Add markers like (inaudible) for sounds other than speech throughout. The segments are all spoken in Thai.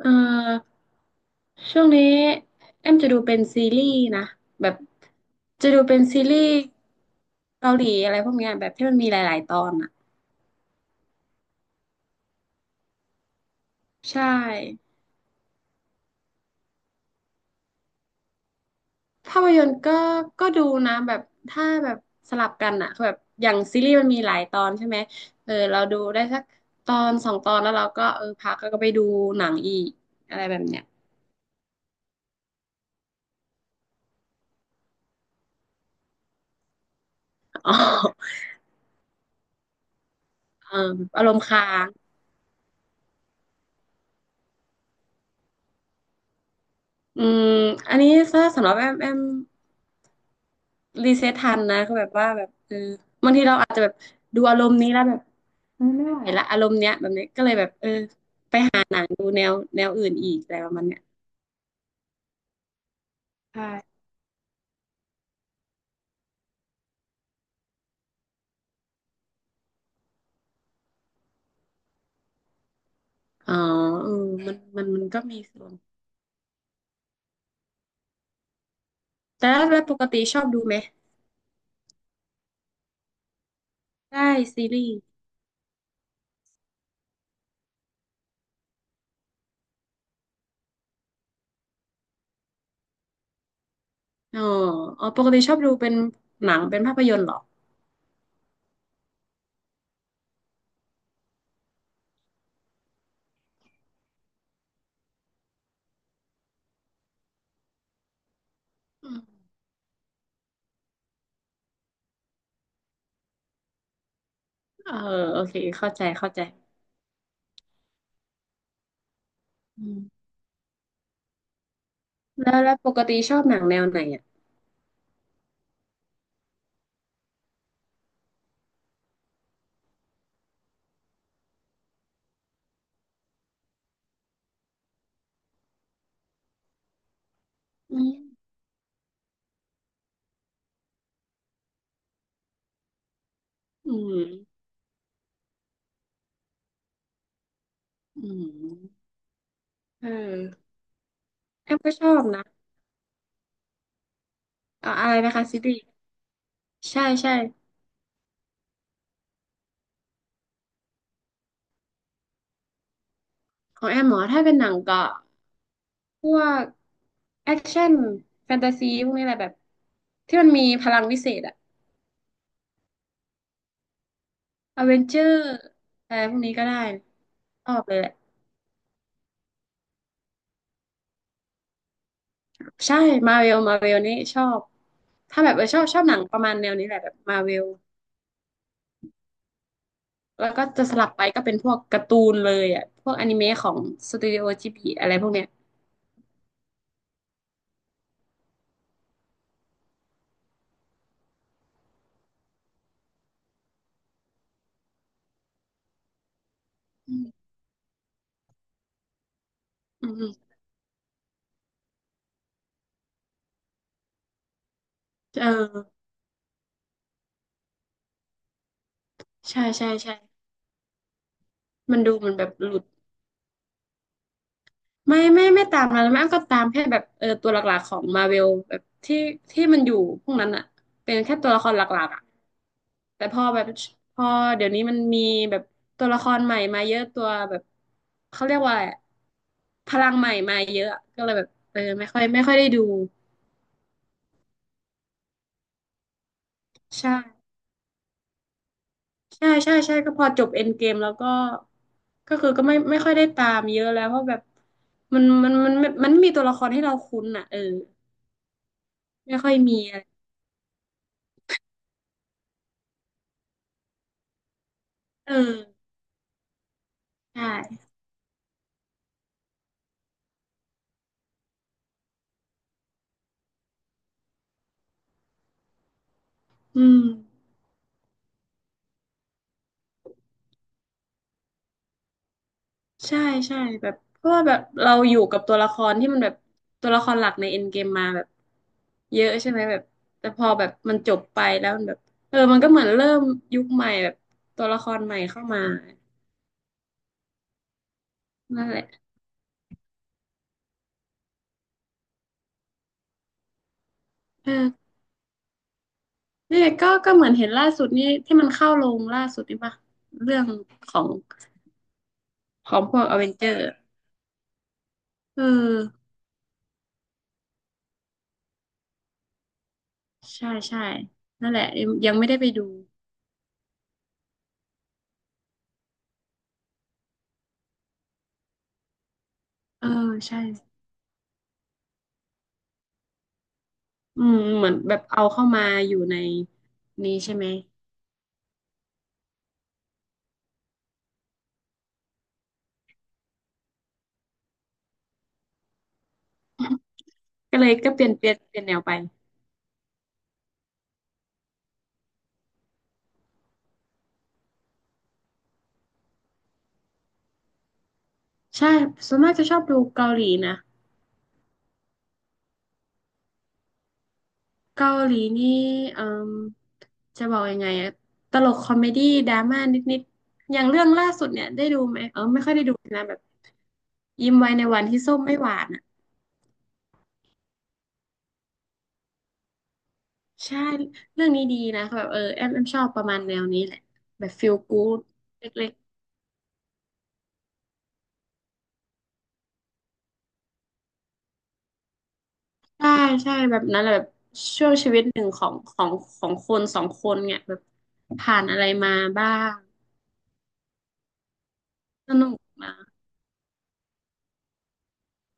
เอ่อช่วงนี้แอมจะดูเป็นซีรีส์นะแบบจะดูเป็นซีรีส์เกาหลีอะไรพวกเนี้ยแบบที่มันมีหลายๆตอนอ่ะใช่ภาพยนตร์ก็ดูนะแบบถ้าแบบสลับกันอ่ะคือแบบอย่างซีรีส์มันมีหลายตอนใช่ไหมเออเราดูได้สักตอนสองตอนแล้วเราก็เออพักแล้วก็ไปดูหนังอีกอะไรแบบเนี้ย (laughs) อ๋อเอออารมณ์ค้างอืมอันนี้ถ้าสำหรับแอมรีเซ็ตทันนะก็แบบว่าแบบเออบางทีเราอาจจะแบบดูอารมณ์นี้แล้วแบบเออไม่ไหวละอารมณ์เนี้ยแบบเนี้ยก็เลยแบบเออหาหนังดูแนวอื่นอีกอะไรประมาณเนี้ยใช่อ๋อเออมันก็มีส่วนแต่แล้วแล้วปกติชอบดูไหมได้ซีรีส์อ๋ออ๋อปกติชอบดูเป็นหนังเป็นภาพยนตร์เหรออืมเออโอเคเข้าใจเข้าใจอืมแล้วปกติชอบหนังแนวไหนอ่ะอืมอืมอืมเออแอมก็ชอบนะ อะไรนะคะซีรีส์ใช่ใช่ของแอมหมอถ้าเป็นหนังก็พวกแอคชั่นแฟนตาซีพวกนี้แหละแบบที่มันมีพลังวิเศษอะอเวนเจอร์อะไรพวกนี้ก็ได้ชอบเลยแหละใช่มาเวลนี่ชอบถ้าแบบเออชอบหนังประมาณแนวนี้แหละแบบมาเวลแล้วก็จะสลับไปก็เป็นพวกการ์ตูนเลยอะพวกอนิเมะของสตูดิโอจิบลิอะไรพวกเนี้ยอืมอืมเออใช่ใช่มันดูมันแบบหลุด ไม่ตามแล้วแม่อ้ำก็ตามแค่แบบเออตัวหลักๆของมาเวลแบบที่มันอยู่พวกนั้นอะเป็นแค่ตัวละครหลักๆอะแต่พอแบบพอเดี๋ยวนี้มันมีแบบตัวละครใหม่มาเยอะตัวแบบเขาเรียกว่าอะไรอะพลังใหม่มาเยอะก็เลยแบบเออไม่ค่อยได้ดูใช่ใช่ใช่ก็พอจบเอ็นเกมแล้วก็ก็คือก็ไม่ค่อยได้ตามเยอะแล้วเพราะแบบมันมันไมมีตัวละครให้เราคุ้นอ่ะเออไม่ค่อยมีอะไรเออ ใช่อืมใช่ ใช่แบบเพราะว่าแบบเราอยู่กับตัวละครที่มันแบบตัวละครหลักในเอ็นเกมมาแบบเยอะใช่ไหมแบบแต่พอแบบมันจบไปแล้วมันแบบเออมันก็เหมือนเริ่มยุคใหม่แบบตัวละครใหม่เข้ามานั่นแหละเออเนี่ยก็เหมือนเห็นล่าสุดนี่ที่มันเข้าลงล่าสุดนี่ปะเรื่องของพวกอเวนเจอร์เออใช่ใช่นั่นแหละยังไม่ได้ไปดูเออใช่ อืมเหมือนแบบเอาเข้ามาอยู่ในนี้ใช่ไหมก็เลยก็เปลี่ยนแนวไปใช่ส่วนมากจะชอบดูเกาหลีนะเกาหลีนี่เอ่มจะบอกยังไงอะตลกคอมเมดี้ดราม่านิดๆอย่างเรื่องล่าสุดเนี่ยได้ดูไหมเออไม่ค่อยได้ดูนะแบบยิ้มไว้ในวันที่ส้มไม่หวานอ่ะใช่เรื่องนี้ดีนะแบบเออแอมชอบประมาณแนวนี้แหละแบบฟีลกู๊ดเล็ก ใช่ใช่แบบนั้นแหละแบบช่วงชีวิตหนึ่งของของคนสองคนเนี่ยแบบผ่านอะไรมาบ้างสนุกนะ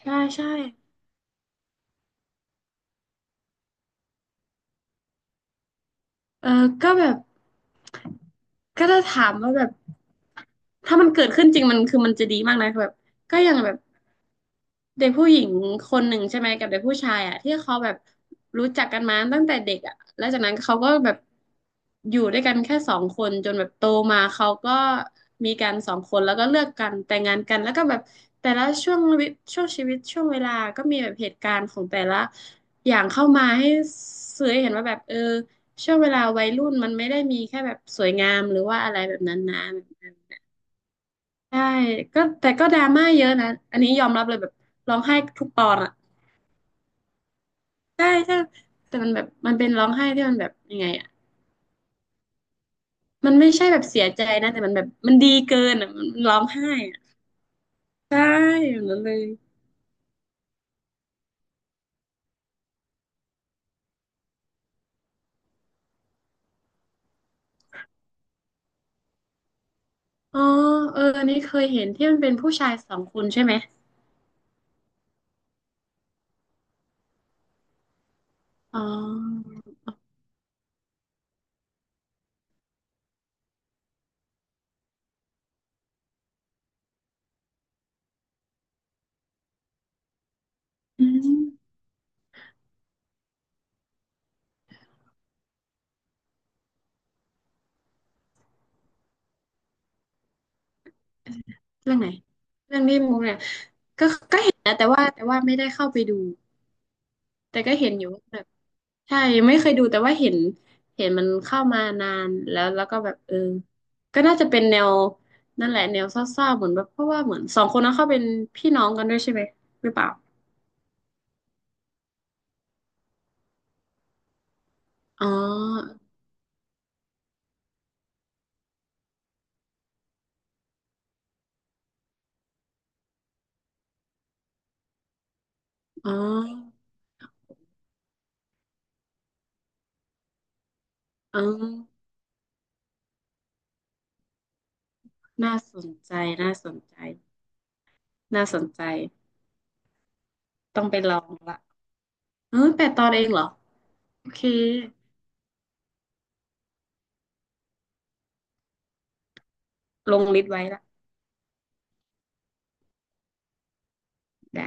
ใช่ใช่เออก็แบบก็จะถามว่าแบบถ้ามันเกิดขึ้นจริงมันคือมันจะดีมากนะแบบก็ยังแบบ เด็กผู้หญิงคนหนึ่งใช่ไหมกับเด็กผู้ชายอ่ะที่เขาแบบรู้จักกันมาตั้งแต่เด็กอ่ะแล้วจากนั้นเขาก็แบบอยู่ด้วยกันแค่สองคนจนแบบโตมาเขาก็มีกันสองคนแล้วก็เลิกกันแต่งงานกันแล้วก็แบบแต่ละช่วงชีวิตช่วงเวลาก็มีแบบเหตุการณ์ของแต่ละอย่างเข้ามาให้สื่อให้เห็นว่าแบบเออช่วงเวลาวัยรุ่นมันไม่ได้มีแค่แบบสวยงามหรือว่าอะไรแบบนั้นนะใช่ก็แต่ก็ดราม่าเยอะนะอันนี้ยอมรับเลยแบบร้องไห้ทุกตอนอะ ใช่ใช่แต่มันแบบมันเป็นร้องไห้ที่มันแบบยังไงอ่ะมันไม่ใช่แบบเสียใจนะแต่มันแบบมันดีเกินอ่ะมันร้องไห้อ่ะใช่อย่างนั้นเลยอ๋อเอออันนี้เคยเห็นที่มันเป็นผู้ชายสองคนใช่ไหมอ๋ออืมเรื่องไหนเรื่องนี้มุกเนี่ยก็ก็เห็นนะแต่ว่าไม่ได้เข้าไปดูแต่ก็เห็นอยู่ ใช่ไม่เคยดูแต่ว่าเห็นเห็นมันเข้ามานานแล้วแล้วก็แบบก็น่าจะเป็นแนวนั่นแหละแนวเศร้าๆเหมือนแบบเพราะว่าเหมือนสองคนนั้นเขาเป็นพี่น้องกันด้วยใช่ไหมหรือเปล่าอ๋ออ๋ออ๋อน่าสนใจน่าสนใจน่าสนใจต้องไปลองละเออแปดตอนเองเหรอโอเคลงลิสต์ไว้ละได้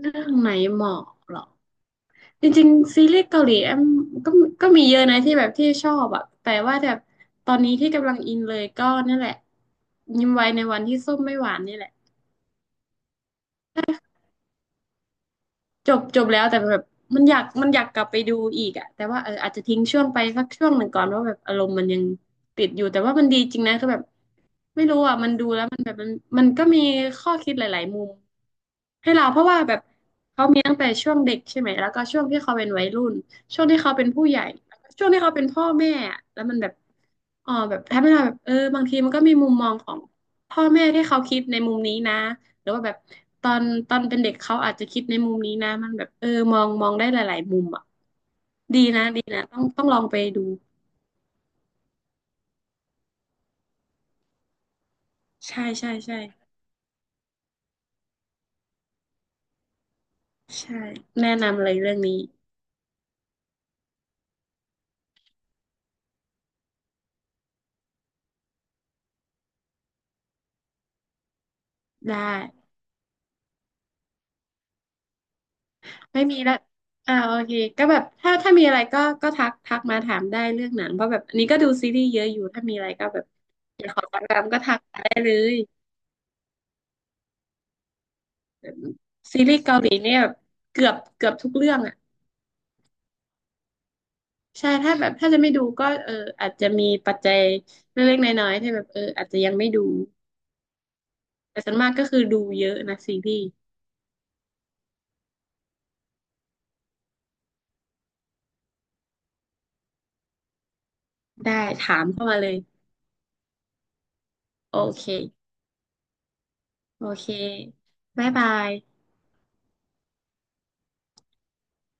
เรื่องไหนเหมาะเหรอ จริงๆซีรีส์เกาหลีแอมก็ก็มีเยอะนะที่แบบที่ชอบอะแต่ว่าแบบตอนนี้ที่กำลังอินเลยก็นั่นแหละยิ้มไว้ในวันที่ส้มไม่หวานนี่แหละจบจบแล้วแต่แบบมันอยากกลับไปดูอีกอะแต่ว่าอาจจะทิ้งช่วงไปสักช่วงหนึ่งก่อนว่าแบบอารมณ์มันยังติดอยู่แต่ว่ามันดีจริงนะคือแบบ ไม่รู้อ่ะมันดูแล้วมันแบบมันก็มีข้อคิดหลายๆมุมให้เราเพราะว่าแบบเขามีตั้งแต่ช่วงเด็กใช่ไหมแล้วก็ช่วงที่เขาเป็นวัยรุ่นช่วงที่เขาเป็นผู้ใหญ่แล้วก็ช่วงที่เขาเป็นพ่อแม่อะแล้วมันแบบอ๋อแบบทำให้เราแบบบางทีมันก็มีมุมมองของพ่อแม่ที่เขาคิดในมุมนี้นะหรือว่าแบบตอนตอนเป็นเด็กเขาอาจจะคิดในมุมนี้นะมันแบบมองได้หลายๆมุมอ่ะดีนะดีนะต้องลองไปดูใช่ใช่ใช่ใช่แนะนำเลยเรื่องนี้ได้ ไม่มีละอ่าโอเคก็แบบถ้ามีอะไรก็ก็ทักมาถามได้เรื่องหนังเพราะแบบอันนี้ก็ดูซีรีส์เยอะอยู่ถ้ามีอะไรก็แบบอยากขอคำถามก็ทักมาได้เลยแบบซีรีส์เกาหลีเนี่ยเกือบทุกเรื่องอ่ะใช่ถ้าแบบถ้าจะไม่ดูก็อาจจะมีปัจจัยเล็กๆน้อยๆที่แบบอาจจะยังไม่ดูแต่ส่วนมากก็คือดูเยอะนะซีรีส์ได้ถามเข้ามาเลยโอเคโอเคบ๊ายบาย